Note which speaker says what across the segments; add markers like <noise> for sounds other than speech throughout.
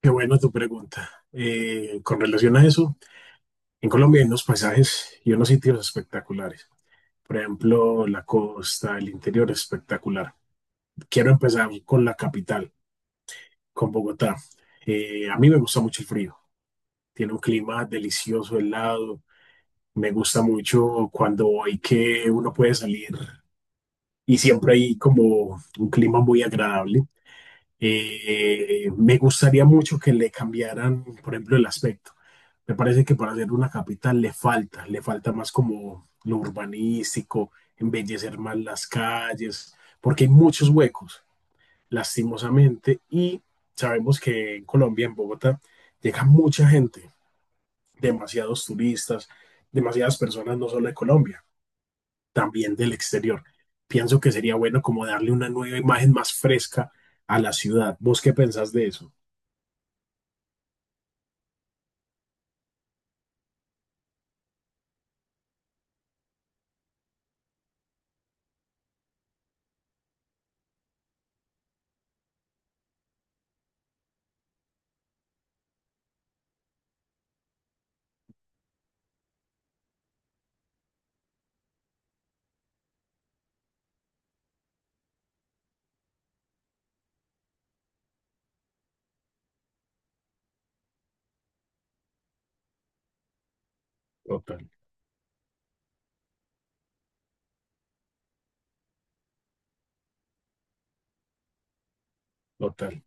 Speaker 1: Qué buena tu pregunta. Con relación a eso, en Colombia hay unos paisajes y unos sitios espectaculares. Por ejemplo, la costa, el interior es espectacular. Quiero empezar con la capital, con Bogotá. A mí me gusta mucho el frío. Tiene un clima delicioso, helado. Me gusta mucho cuando hay que uno puede salir y siempre hay como un clima muy agradable. Me gustaría mucho que le cambiaran, por ejemplo, el aspecto. Me parece que para ser una capital le falta más como lo urbanístico, embellecer más las calles, porque hay muchos huecos, lastimosamente, y sabemos que en Colombia, en Bogotá, llega mucha gente, demasiados turistas, demasiadas personas, no solo de Colombia, también del exterior. Pienso que sería bueno como darle una nueva imagen más fresca a la ciudad. ¿Vos qué pensás de eso? Total, total.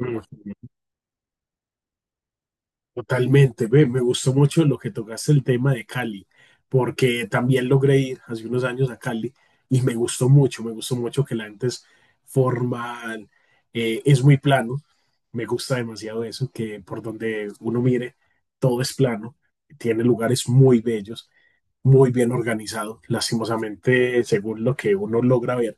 Speaker 1: Mm, Totalmente, ve, me gustó mucho lo que tocaste el tema de Cali, porque también logré ir hace unos años a Cali y me gustó mucho que la gente es formal, es muy plano, me gusta demasiado eso, que por donde uno mire, todo es plano, tiene lugares muy bellos, muy bien organizado, lastimosamente, según lo que uno logra ver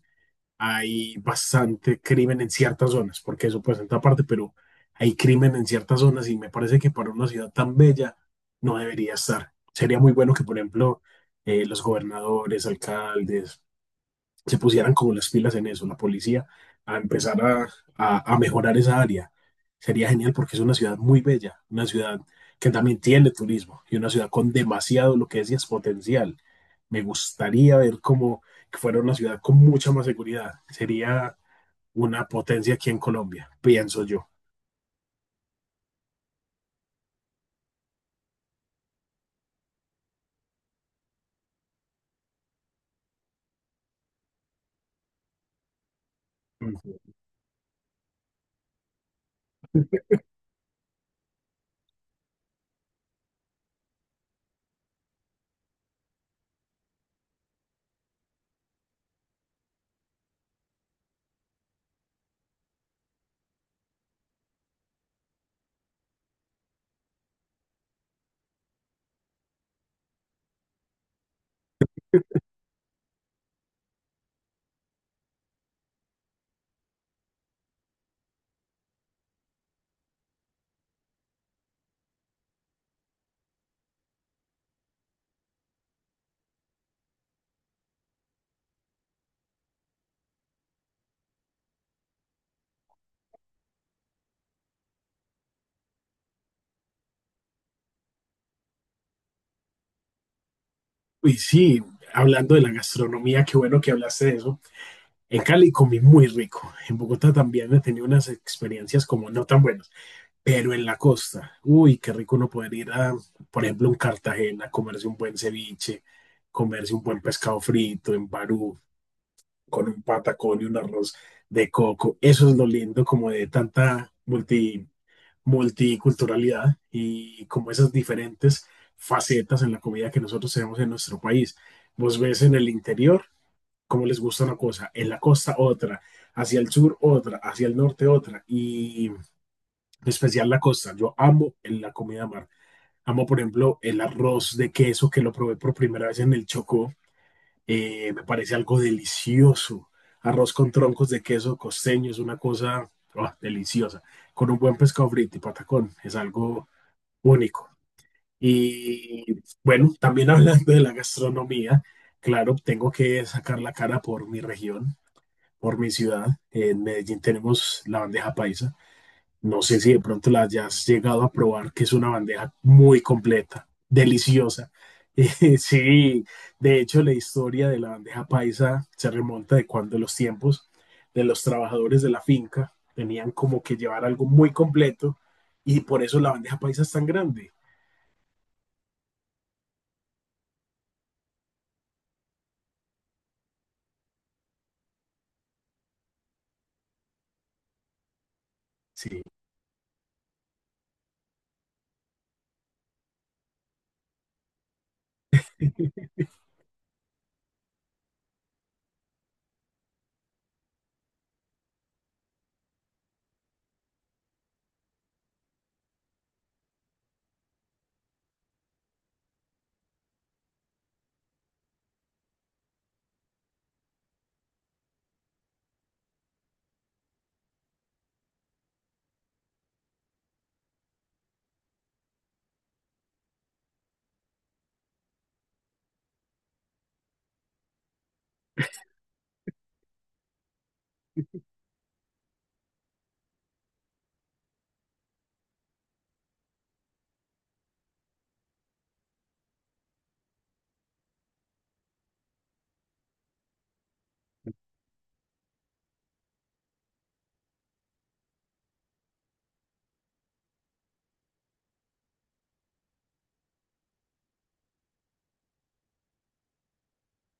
Speaker 1: hay bastante crimen en ciertas zonas, porque eso pues en otra parte, pero hay crimen en ciertas zonas y me parece que para una ciudad tan bella no debería estar. Sería muy bueno que, por ejemplo, los gobernadores, alcaldes, se pusieran como las pilas en eso, la policía, a empezar a, mejorar esa área. Sería genial porque es una ciudad muy bella, una ciudad que también tiene turismo y una ciudad con demasiado, lo que decías, potencial. Me gustaría ver cómo fuera una ciudad con mucha más seguridad. Sería una potencia aquí en Colombia, pienso yo. Ujú. Y sí, hablando de la gastronomía, qué bueno que hablaste de eso. En Cali comí muy rico. En Bogotá también he tenido unas experiencias como no tan buenas, pero en la costa, uy, qué rico uno poder ir a, por ejemplo, en Cartagena, comerse un buen ceviche, comerse un buen pescado frito, en Barú, con un patacón y un arroz de coco. Eso es lo lindo como de tanta multiculturalidad y como esas diferentes facetas en la comida que nosotros tenemos en nuestro país. Vos ves en el interior cómo les gusta una cosa, en la costa otra, hacia el sur otra, hacia el norte otra y en especial la costa. Yo amo la comida mar. Amo, por ejemplo, el arroz de queso que lo probé por primera vez en el Chocó. Me parece algo delicioso. Arroz con troncos de queso costeño es una cosa oh, deliciosa. Con un buen pescado frito y patacón es algo único. Y bueno, también <laughs> hablando de la gastronomía, claro, tengo que sacar la cara por mi región, por mi ciudad. En Medellín tenemos la bandeja paisa, no sé si de pronto la hayas llegado a probar, que es una bandeja muy completa, deliciosa. <laughs> Sí, de hecho la historia de la bandeja paisa se remonta de cuando los tiempos de los trabajadores de la finca tenían como que llevar algo muy completo y por eso la bandeja paisa es tan grande. Sí.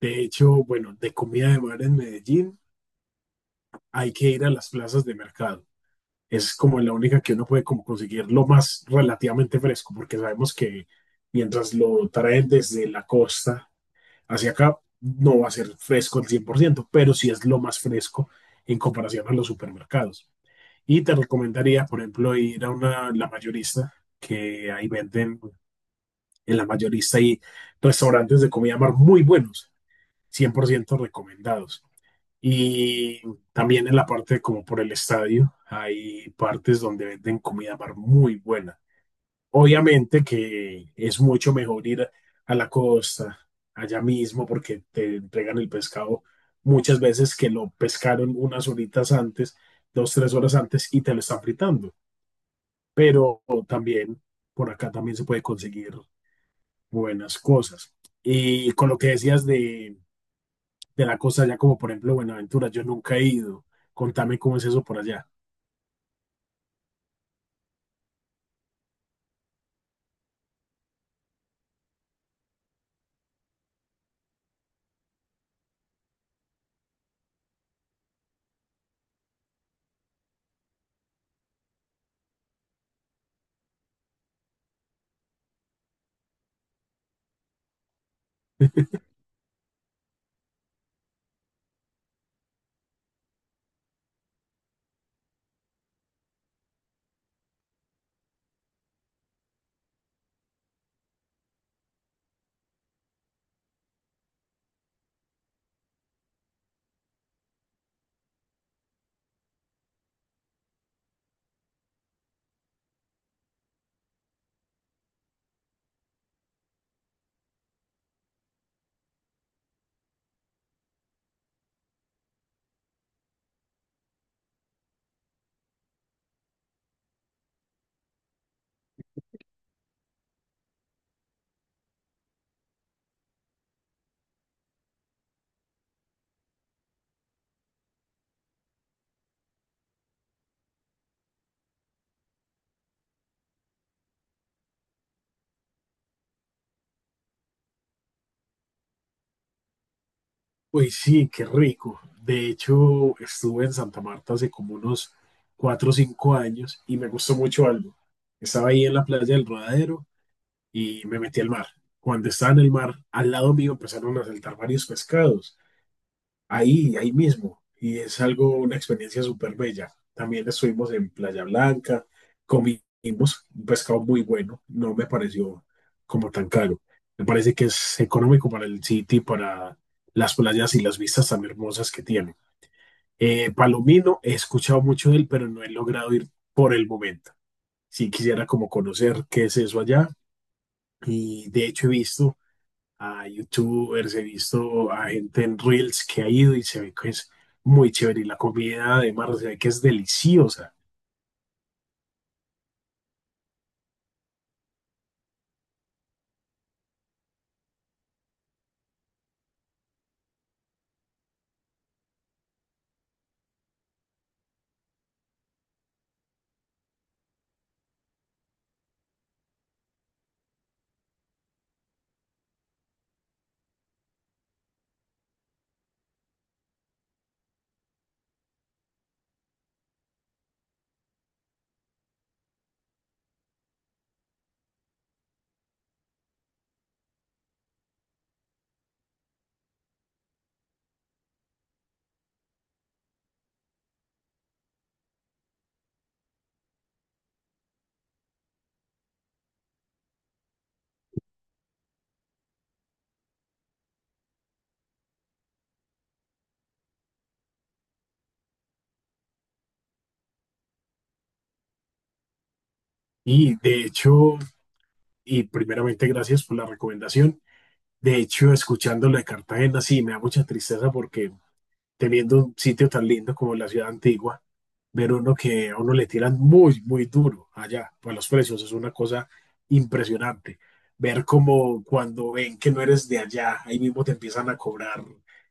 Speaker 1: De hecho, bueno, de comida de mar en Medellín hay que ir a las plazas de mercado. Es como la única que uno puede como conseguir lo más relativamente fresco, porque sabemos que mientras lo traen desde la costa, hacia acá no va a ser fresco al 100%, pero sí es lo más fresco en comparación a los supermercados. Y te recomendaría, por ejemplo, ir a una, la mayorista, que ahí venden en la mayorista y restaurantes de comida mar muy buenos, 100% recomendados. Y también en la parte como por el estadio, hay partes donde venden comida mar muy buena. Obviamente que es mucho mejor ir a la costa, allá mismo, porque te entregan el pescado muchas veces que lo pescaron unas horitas antes, 2, 3 horas antes, y te lo están fritando. Pero también por acá también se puede conseguir buenas cosas. Y con lo que decías de, la costa allá, como por ejemplo Buenaventura, yo nunca he ido. Contame cómo es eso por allá. Uy, sí, qué rico. De hecho, estuve en Santa Marta hace como unos 4 o 5 años y me gustó mucho algo. Estaba ahí en la playa del Rodadero y me metí al mar. Cuando estaba en el mar, al lado mío empezaron a saltar varios pescados ahí, ahí mismo. Y es algo, una experiencia súper bella. También estuvimos en Playa Blanca, comimos un pescado muy bueno, no me pareció como tan caro. Me parece que es económico para el sitio y para las playas y las vistas tan hermosas que tiene. Palomino, he escuchado mucho de él, pero no he logrado ir por el momento. Sí quisiera como conocer qué es eso allá y de hecho he visto a YouTubers, he visto a gente en Reels que ha ido y se ve que es muy chévere. Y la comida además se ve que es deliciosa. Y de hecho, y primeramente gracias por la recomendación. De hecho, escuchando lo de Cartagena, sí, me da mucha tristeza porque teniendo un sitio tan lindo como la ciudad antigua, ver uno que a uno le tiran muy, muy duro allá, pues los precios es una cosa impresionante. Ver como cuando ven que no eres de allá, ahí mismo te empiezan a cobrar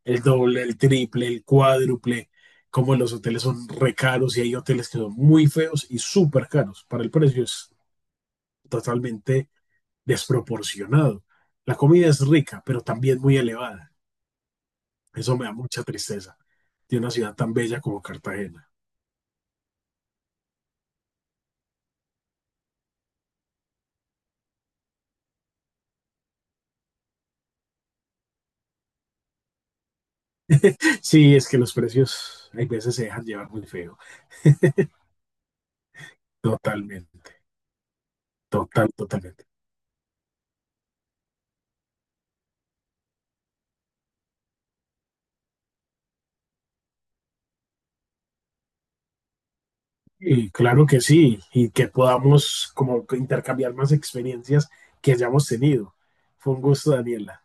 Speaker 1: el doble, el triple, el cuádruple, como los hoteles son re caros y hay hoteles que son muy feos y súper caros. Para el precio es totalmente desproporcionado. La comida es rica, pero también muy elevada. Eso me da mucha tristeza de una ciudad tan bella como Cartagena. Sí, es que los precios hay veces se dejan llevar muy feo. Totalmente, total, totalmente. Y claro que sí, y que podamos como intercambiar más experiencias que hayamos tenido. Fue un gusto, Daniela.